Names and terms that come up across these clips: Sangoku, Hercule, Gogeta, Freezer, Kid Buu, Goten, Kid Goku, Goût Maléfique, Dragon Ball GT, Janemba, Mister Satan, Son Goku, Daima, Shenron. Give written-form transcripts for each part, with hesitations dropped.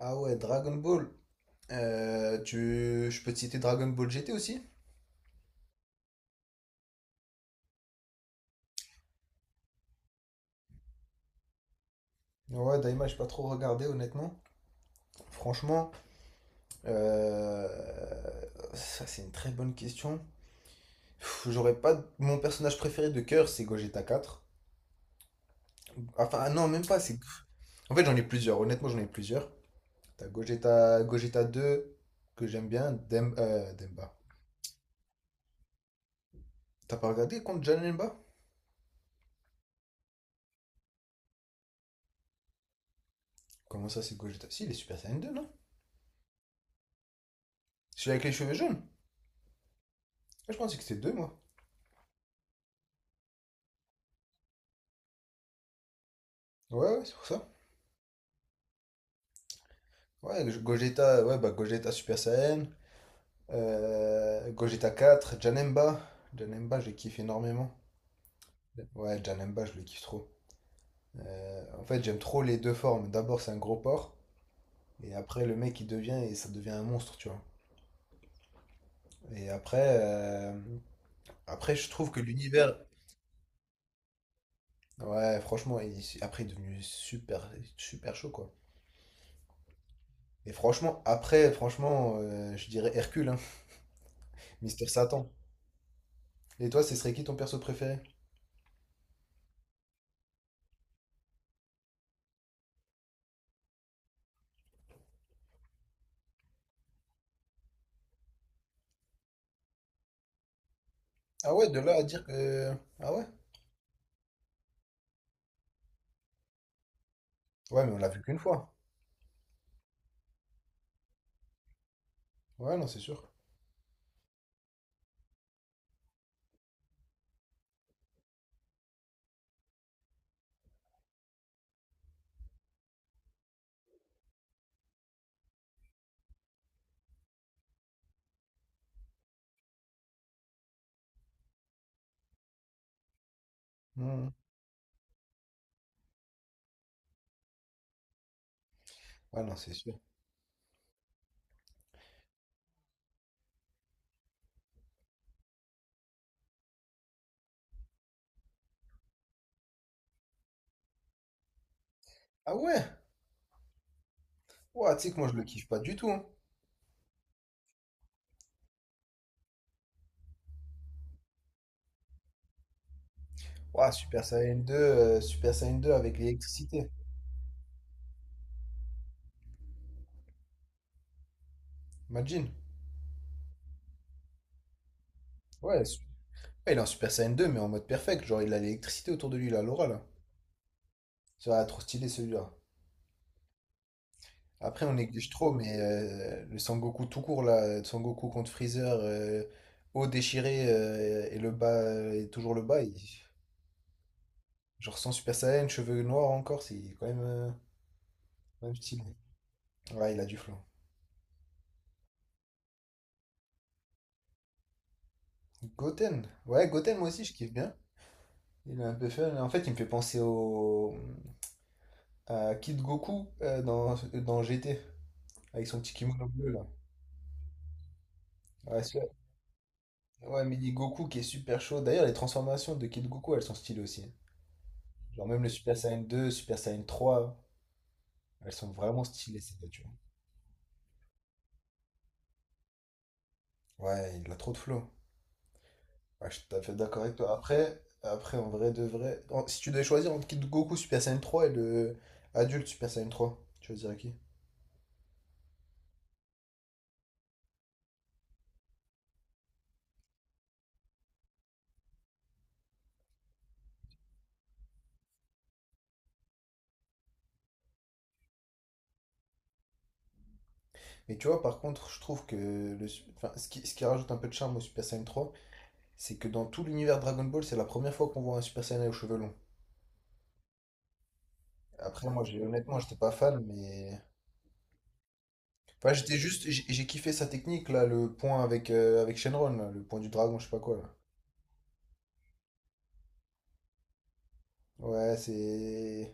Ah ouais, Dragon Ball. Je peux te citer Dragon Ball GT aussi? Ouais, Daima, j'ai pas trop regardé, honnêtement. Franchement, euh, ça c'est une très bonne question. J'aurais pas. Mon personnage préféré de cœur, c'est Gogeta 4. Enfin, ah non, même pas. C'est. En fait, j'en ai plusieurs. Honnêtement, j'en ai plusieurs. T'as Gogeta 2, que j'aime bien. Demba. T'as pas regardé contre Janemba? Comment ça, c'est Gogeta? Si, il est Super Saiyan 2, non? Celui avec les cheveux jaunes? Ah, je pensais que c'était 2 moi. Ouais, ouais, c'est pour ça. Ouais, Gogeta, ouais, bah Gogeta Super Saiyan, Gogeta 4 Janemba. Janemba, je le kiffe énormément. Ouais, Janemba, je le kiffe trop. En fait, j'aime trop les deux formes. D'abord, c'est un gros porc, et après, le mec, il devient, et ça devient un monstre, tu vois. Et après je trouve que l'univers. Ouais, franchement, après, il est devenu super, super chaud, quoi. Et franchement, après, franchement, je dirais Hercule, hein, Mister Satan. Et toi, ce serait qui ton perso préféré? Ah ouais, de là à dire que. Ah ouais? Ouais, mais on l'a vu qu'une fois. Ouais, non, c'est sûr. Hmm. Ouais, non, c'est sûr. Ah ouais? Ouah, tu sais que moi, je le kiffe pas du tout, hein. Ouah, Super Saiyan 2 avec l'électricité. Imagine. Ouais, ouais, il est en Super Saiyan 2 mais en mode perfect. Genre, il a l'électricité autour de lui, il a l'aura, là. Ça va trop stylé, celui-là. Après, on néglige trop, mais le Sangoku tout court, là, Sangoku contre Freezer, haut déchiré et le bas, et toujours le bas. Genre sans Super Saiyan, cheveux noirs encore, c'est quand même stylé. Ouais, il a du flow. Goten. Ouais, Goten, moi aussi, je kiffe bien. Il est un peu fun. En fait, il me fait penser à Kid Goku dans GT, avec son petit kimono bleu, là. Ouais, celui Ouais, mais il dit Goku qui est super chaud. D'ailleurs, les transformations de Kid Goku, elles sont stylées aussi, hein. Genre même le Super Saiyan 2, Super Saiyan 3, elles sont vraiment stylées, ces voitures. Ouais, il a trop de flow. Ouais, je suis tout à fait d'accord avec toi. Après, en vrai de vrai, si tu devais choisir entre Kid Goku Super Saiyan 3 et le adulte Super Saiyan 3, tu choisirais qui? Mais tu vois, par contre, je trouve que enfin, ce qui rajoute un peu de charme au Super Saiyan trois, c'est que dans tout l'univers Dragon Ball, c'est la première fois qu'on voit un Super Saiyan aux cheveux longs. Après, moi, honnêtement, j'étais pas fan, mais. Enfin, j'étais juste. J'ai kiffé sa technique, là, le point avec Shenron, là, le point du dragon, je sais pas quoi, là. Ouais, c'est.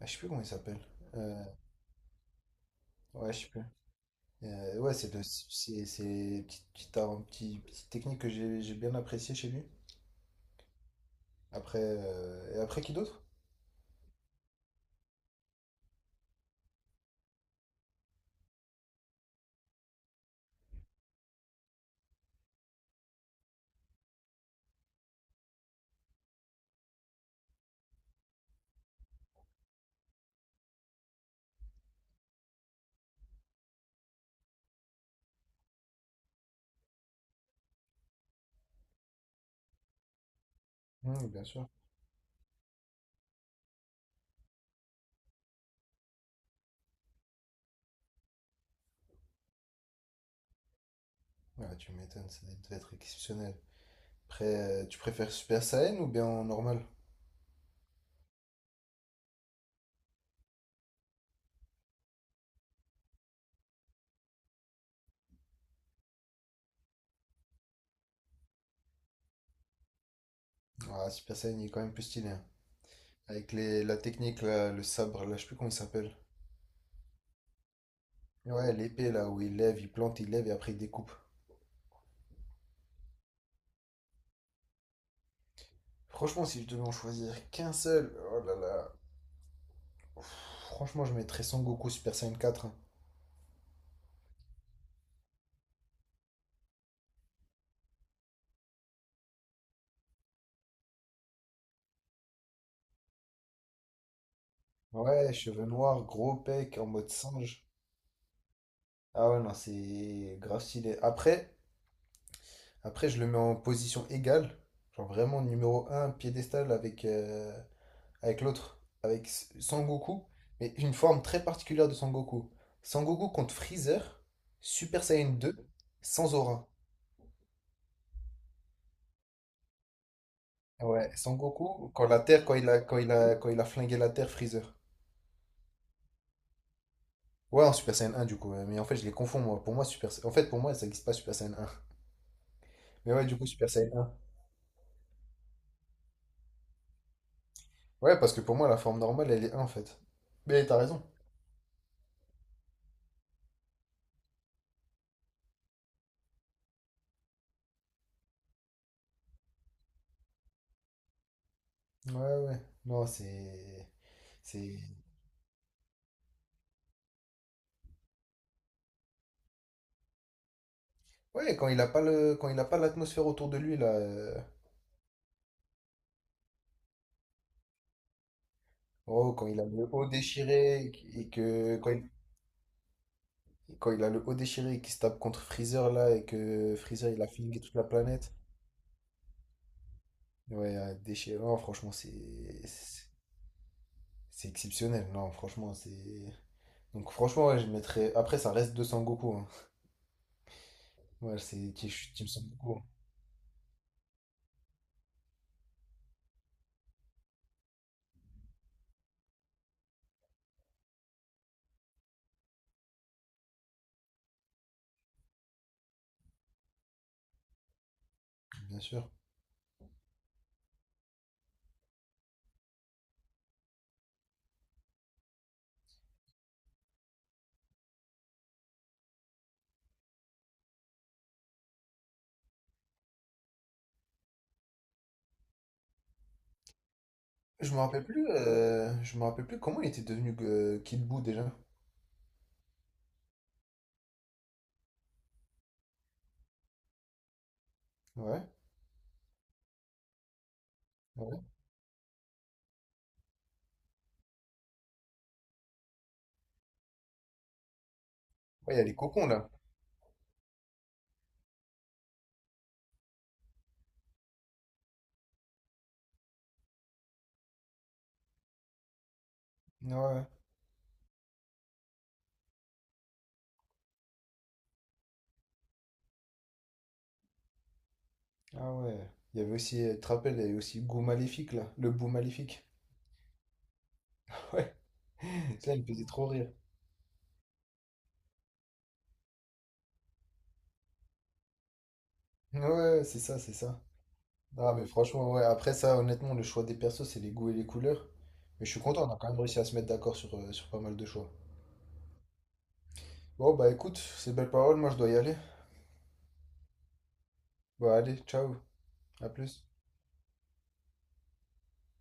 Ah, je sais plus comment il s'appelle. Euh, Ouais, je sais plus. Ouais, c'est c'est petite technique que j'ai bien appréciée chez lui. Après, et après qui d'autre? Hmm, bien sûr. Ouais, tu m'étonnes, ça devait être exceptionnel. Après, tu préfères Super Saiyan ou bien en normal? Ah, Super Saiyan, il est quand même plus stylé, hein. Avec la technique, là, le sabre, là, je sais plus comment il s'appelle. Ouais, l'épée, là, où il lève, il plante, il lève et après il découpe. Franchement, si je devais en choisir qu'un seul, oh là là. Ouf, franchement, je mettrais Son Goku Super Saiyan quatre, hein. Ouais, cheveux noirs, gros pec, en mode singe. Ah ouais, non, c'est grave stylé. Après, je le mets en position égale. Genre vraiment numéro un piédestal avec l'autre, avec Sangoku, mais une forme très particulière de Sangoku. Sangoku contre Freezer, Super Saiyan 2, sans aura. Ouais, Sangoku, quand il a, quand il a, quand il a flingué la Terre, Freezer. Ouais, en Super Saiyan 1 du coup, ouais, mais en fait je les confonds moi. Pour moi, Super Sa- En fait, pour moi, ça n'existe pas Super Saiyan 1. Mais ouais, du coup, Super Saiyan 1. Ouais, parce que pour moi, la forme normale, elle est 1 en fait. Mais t'as raison. Ouais, ouais. Non, c'est. C'est. Ouais, quand il a pas l'atmosphère autour de lui, là. Oh, quand il a le haut déchiré et et que quand il a le haut déchiré et qu'il se tape contre Freezer là et que Freezer il a flingué toute la planète. Ouais, déchirant, franchement, c'est c'est exceptionnel. Non, franchement, c'est. Donc franchement, ouais, je mettrais après ça reste 200 Goku, hein. Ouais, c'est je suis Team Son, hein, bien sûr. Je me rappelle plus comment il était devenu Kid Buu déjà. Ouais. Ouais. Ouais, il y a les cocons là. Ouais. Ouais. Ah ouais. Il y avait aussi, tu te rappelles, il y avait aussi Goût Maléfique là, le bout Maléfique. Ouais, ça il me faisait trop rire. Ouais, ouais, c'est ça, c'est ça. Ah, mais franchement, ouais, après ça, honnêtement, le choix des persos, c'est les goûts et les couleurs. Mais je suis content, on a quand même réussi à se mettre d'accord sur pas mal de choix. Bon, bah écoute, ces belles paroles, moi je dois y aller. Bah allez, ciao, à plus.